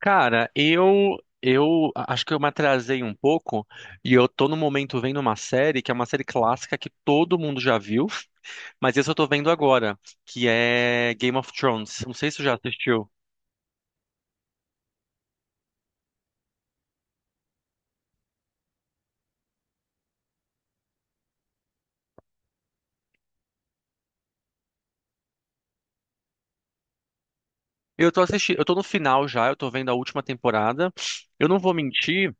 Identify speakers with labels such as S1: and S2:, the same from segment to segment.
S1: Cara, eu acho que eu me atrasei um pouco e eu tô no momento vendo uma série que é uma série clássica que todo mundo já viu, mas essa eu tô vendo agora, que é Game of Thrones. Não sei se você já assistiu. Eu tô assistindo, eu tô no final já, eu tô vendo a última temporada. Eu não vou mentir,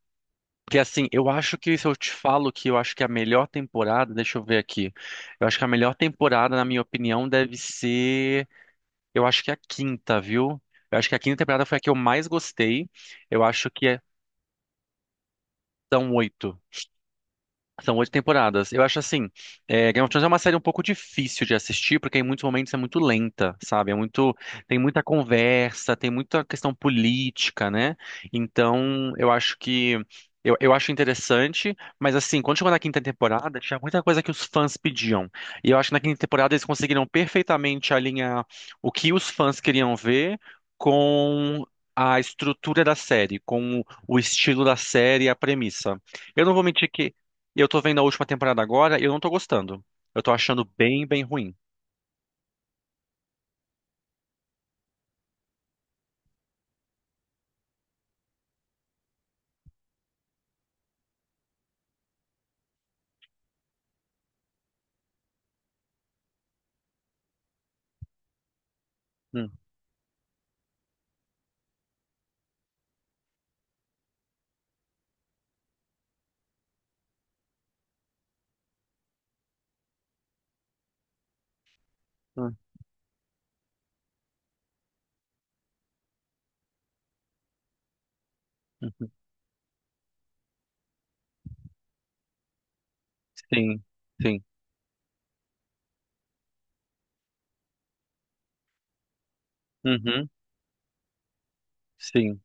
S1: que assim, eu acho que se eu te falo que eu acho que a melhor temporada, deixa eu ver aqui. Eu acho que a melhor temporada, na minha opinião, deve ser. Eu acho que é a quinta, viu? Eu acho que a quinta temporada foi a que eu mais gostei. Eu acho que é- São oito. São oito temporadas. Eu acho assim, é, Game of Thrones é uma série um pouco difícil de assistir, porque em muitos momentos é muito lenta, sabe? É muito, tem muita conversa, tem muita questão política, né? Então, eu acho que eu acho interessante, mas assim, quando chegou na quinta temporada, tinha muita coisa que os fãs pediam. E eu acho que na quinta temporada eles conseguiram perfeitamente alinhar o que os fãs queriam ver com a estrutura da série, com o estilo da série e a premissa. Eu não vou mentir que e eu tô vendo a última temporada agora e eu não tô gostando. Eu tô achando bem, bem ruim. Hum, hum, uhum. Sim, sim. Uhum, sim.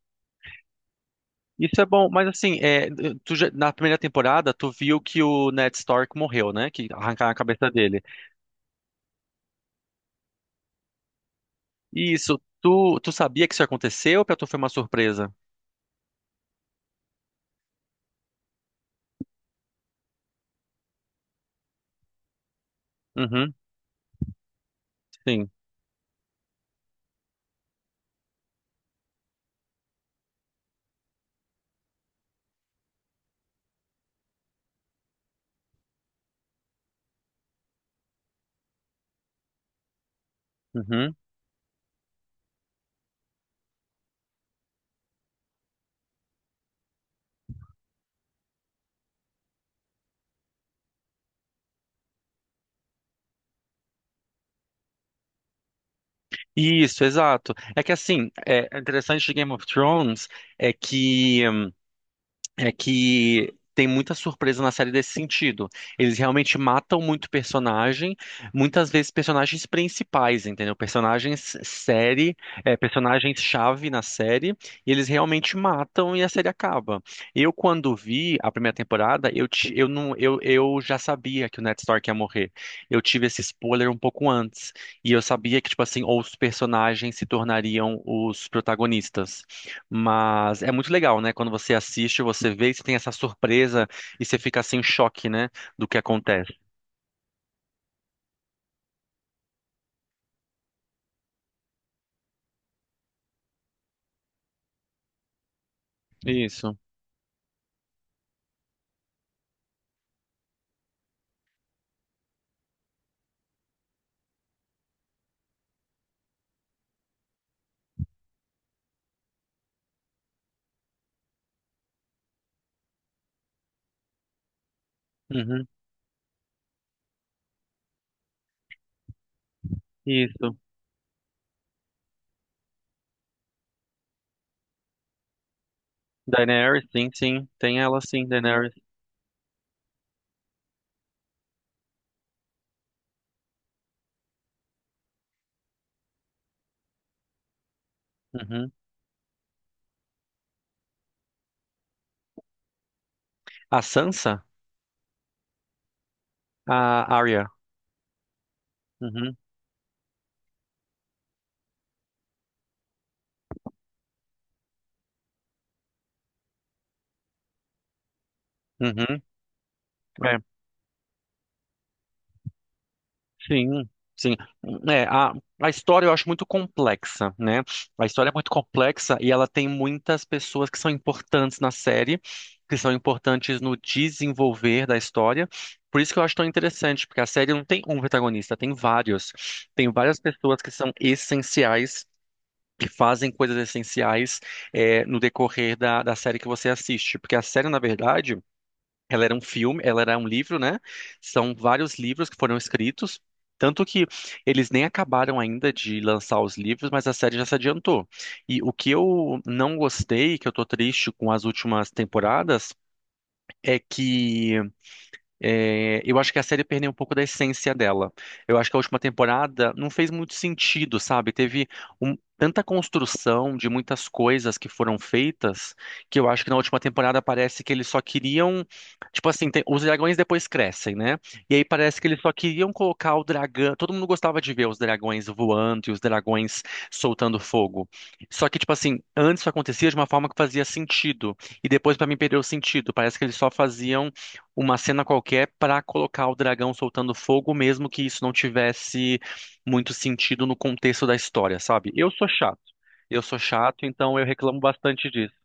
S1: Isso é bom, mas assim, é, na primeira temporada, tu viu que o Ned Stark morreu, né? Que arrancaram a cabeça dele. E isso, tu sabia que isso aconteceu ou pra tu foi uma surpresa? Uhum, sim. Uhum. Isso, exato. É que assim, é é interessante de Game of Thrones é que é que tem muita surpresa na série desse sentido. Eles realmente matam muito personagem, muitas vezes personagens principais, entendeu? Personagens série, é, personagens-chave na série, e eles realmente matam e a série acaba. Eu, quando vi a primeira temporada, eu, ti- eu, não, eu já sabia que o Ned Stark ia morrer. Eu tive esse spoiler um pouco antes, e eu sabia que, tipo assim, ou os personagens se tornariam os protagonistas. Mas é muito legal, né? Quando você assiste, você vê e você tem essa surpresa e você fica assim em choque, né? Do que acontece. Isso. Uhum. Isso. Daenerys, sim, sim. Tem ela, sim, Daenerys. Uhum. A Sansa? A Arya. Uhum. Uhum. Sim, sim. É, a história eu acho muito complexa, né? A história é muito complexa e ela tem muitas pessoas que são importantes na série, que são importantes no desenvolver da história. Por isso que eu acho tão interessante, porque a série não tem um protagonista, tem vários. Tem várias pessoas que são essenciais. Que fazem coisas essenciais é, no decorrer da série que você assiste. Porque a série, na verdade, ela era um filme, ela era um livro, né? São vários livros que foram escritos. Tanto que eles nem acabaram ainda de lançar os livros, mas a série já se adiantou. E o que eu não gostei, que eu tô triste com as últimas temporadas, é que é, eu acho que a série perdeu um pouco da essência dela. Eu acho que a última temporada não fez muito sentido, sabe? Teve tanta construção de muitas coisas que foram feitas que eu acho que na última temporada parece que eles só queriam. Tipo assim, os dragões depois crescem, né? E aí parece que eles só queriam colocar o dragão. Todo mundo gostava de ver os dragões voando e os dragões soltando fogo. Só que, tipo assim, antes isso acontecia de uma forma que fazia sentido. E depois, pra mim, perdeu o sentido. Parece que eles só faziam uma cena qualquer para colocar o dragão soltando fogo, mesmo que isso não tivesse muito sentido no contexto da história, sabe? Eu sou chato. Eu sou chato, então eu reclamo bastante disso.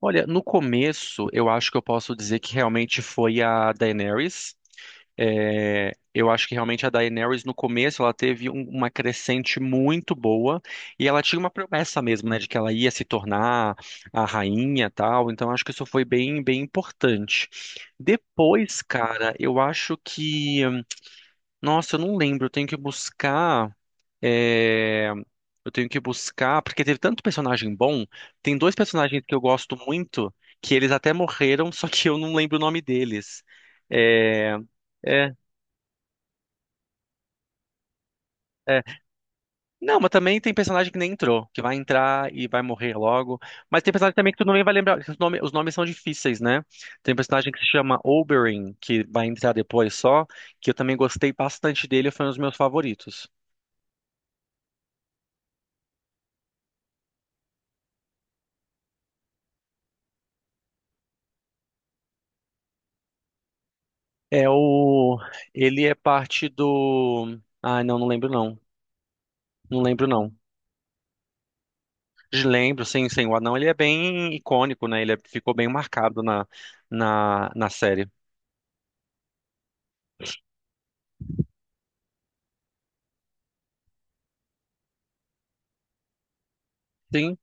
S1: Olha, no começo, eu acho que eu posso dizer que realmente foi a Daenerys. É, eu acho que realmente a Daenerys, no começo, ela teve uma crescente muito boa e ela tinha uma promessa mesmo, né, de que ela ia se tornar a rainha e tal. Então, acho que isso foi bem, bem importante. Depois, cara, eu acho que. Nossa, eu não lembro. Eu tenho que buscar. É, eu tenho que buscar. Porque teve tanto personagem bom. Tem dois personagens que eu gosto muito. Que eles até morreram, só que eu não lembro o nome deles. É, é, é. Não, mas também tem personagem que nem entrou, que vai entrar e vai morrer logo. Mas tem personagem também que tu não vai lembrar, que os os nomes são difíceis, né? Tem um personagem que se chama Oberyn, que vai entrar depois só, que eu também gostei bastante dele, foi um dos meus favoritos. É o. Ele é parte do. Ah não, não lembro não. Não lembro não. De Lembro, sim, sim. O anão ele é bem icônico, né? Ficou bem marcado na série. Sim.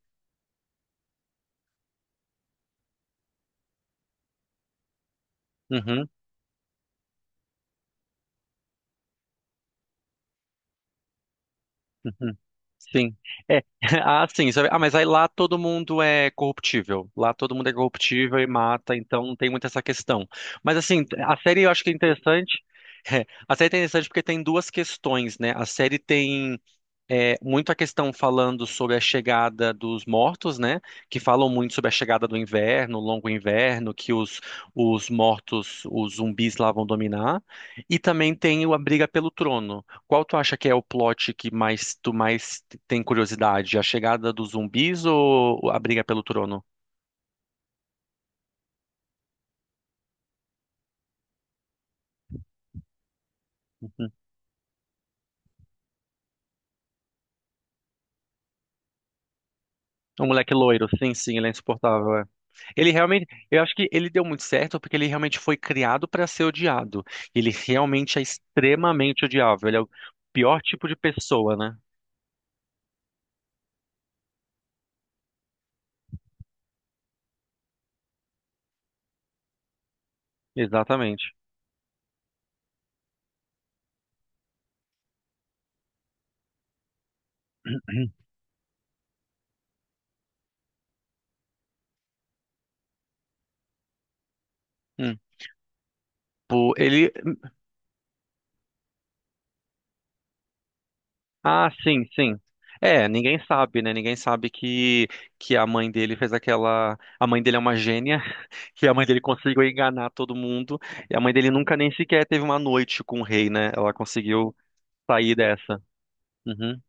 S1: Uhum, uhum. Sim. É. Ah, sim. Sabe? Ah, mas aí lá todo mundo é corruptível. Lá todo mundo é corruptível e mata, então não tem muito essa questão. Mas assim, a série eu acho que é interessante. É, a série é interessante porque tem duas questões, né? A série tem é, muito a questão falando sobre a chegada dos mortos, né? Que falam muito sobre a chegada do inverno, o longo inverno, que os mortos, os zumbis lá vão dominar. E também tem o a briga pelo trono. Qual tu acha que é o plot que mais tu mais tem curiosidade? A chegada dos zumbis ou a briga pelo trono? Um moleque loiro, sim, sim, ele é insuportável, é. Ele realmente, eu acho que ele deu muito certo porque ele realmente foi criado para ser odiado. Ele realmente é extremamente odiável. Ele é o pior tipo de pessoa, né? Exatamente. Hum. Pô, ele, ah, sim, sim. É, ninguém sabe, né? Ninguém sabe que a mãe dele fez aquela, a mãe dele é uma gênia, que a mãe dele conseguiu enganar todo mundo, e a mãe dele nunca nem sequer teve uma noite com o rei, né? Ela conseguiu sair dessa. Uhum.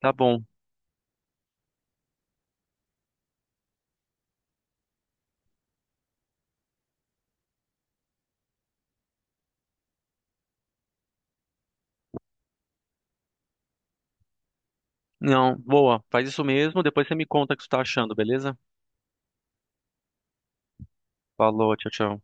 S1: Tá bom. Não, boa. Faz isso mesmo. Depois você me conta o que você tá achando, beleza? Falou, tchau, tchau.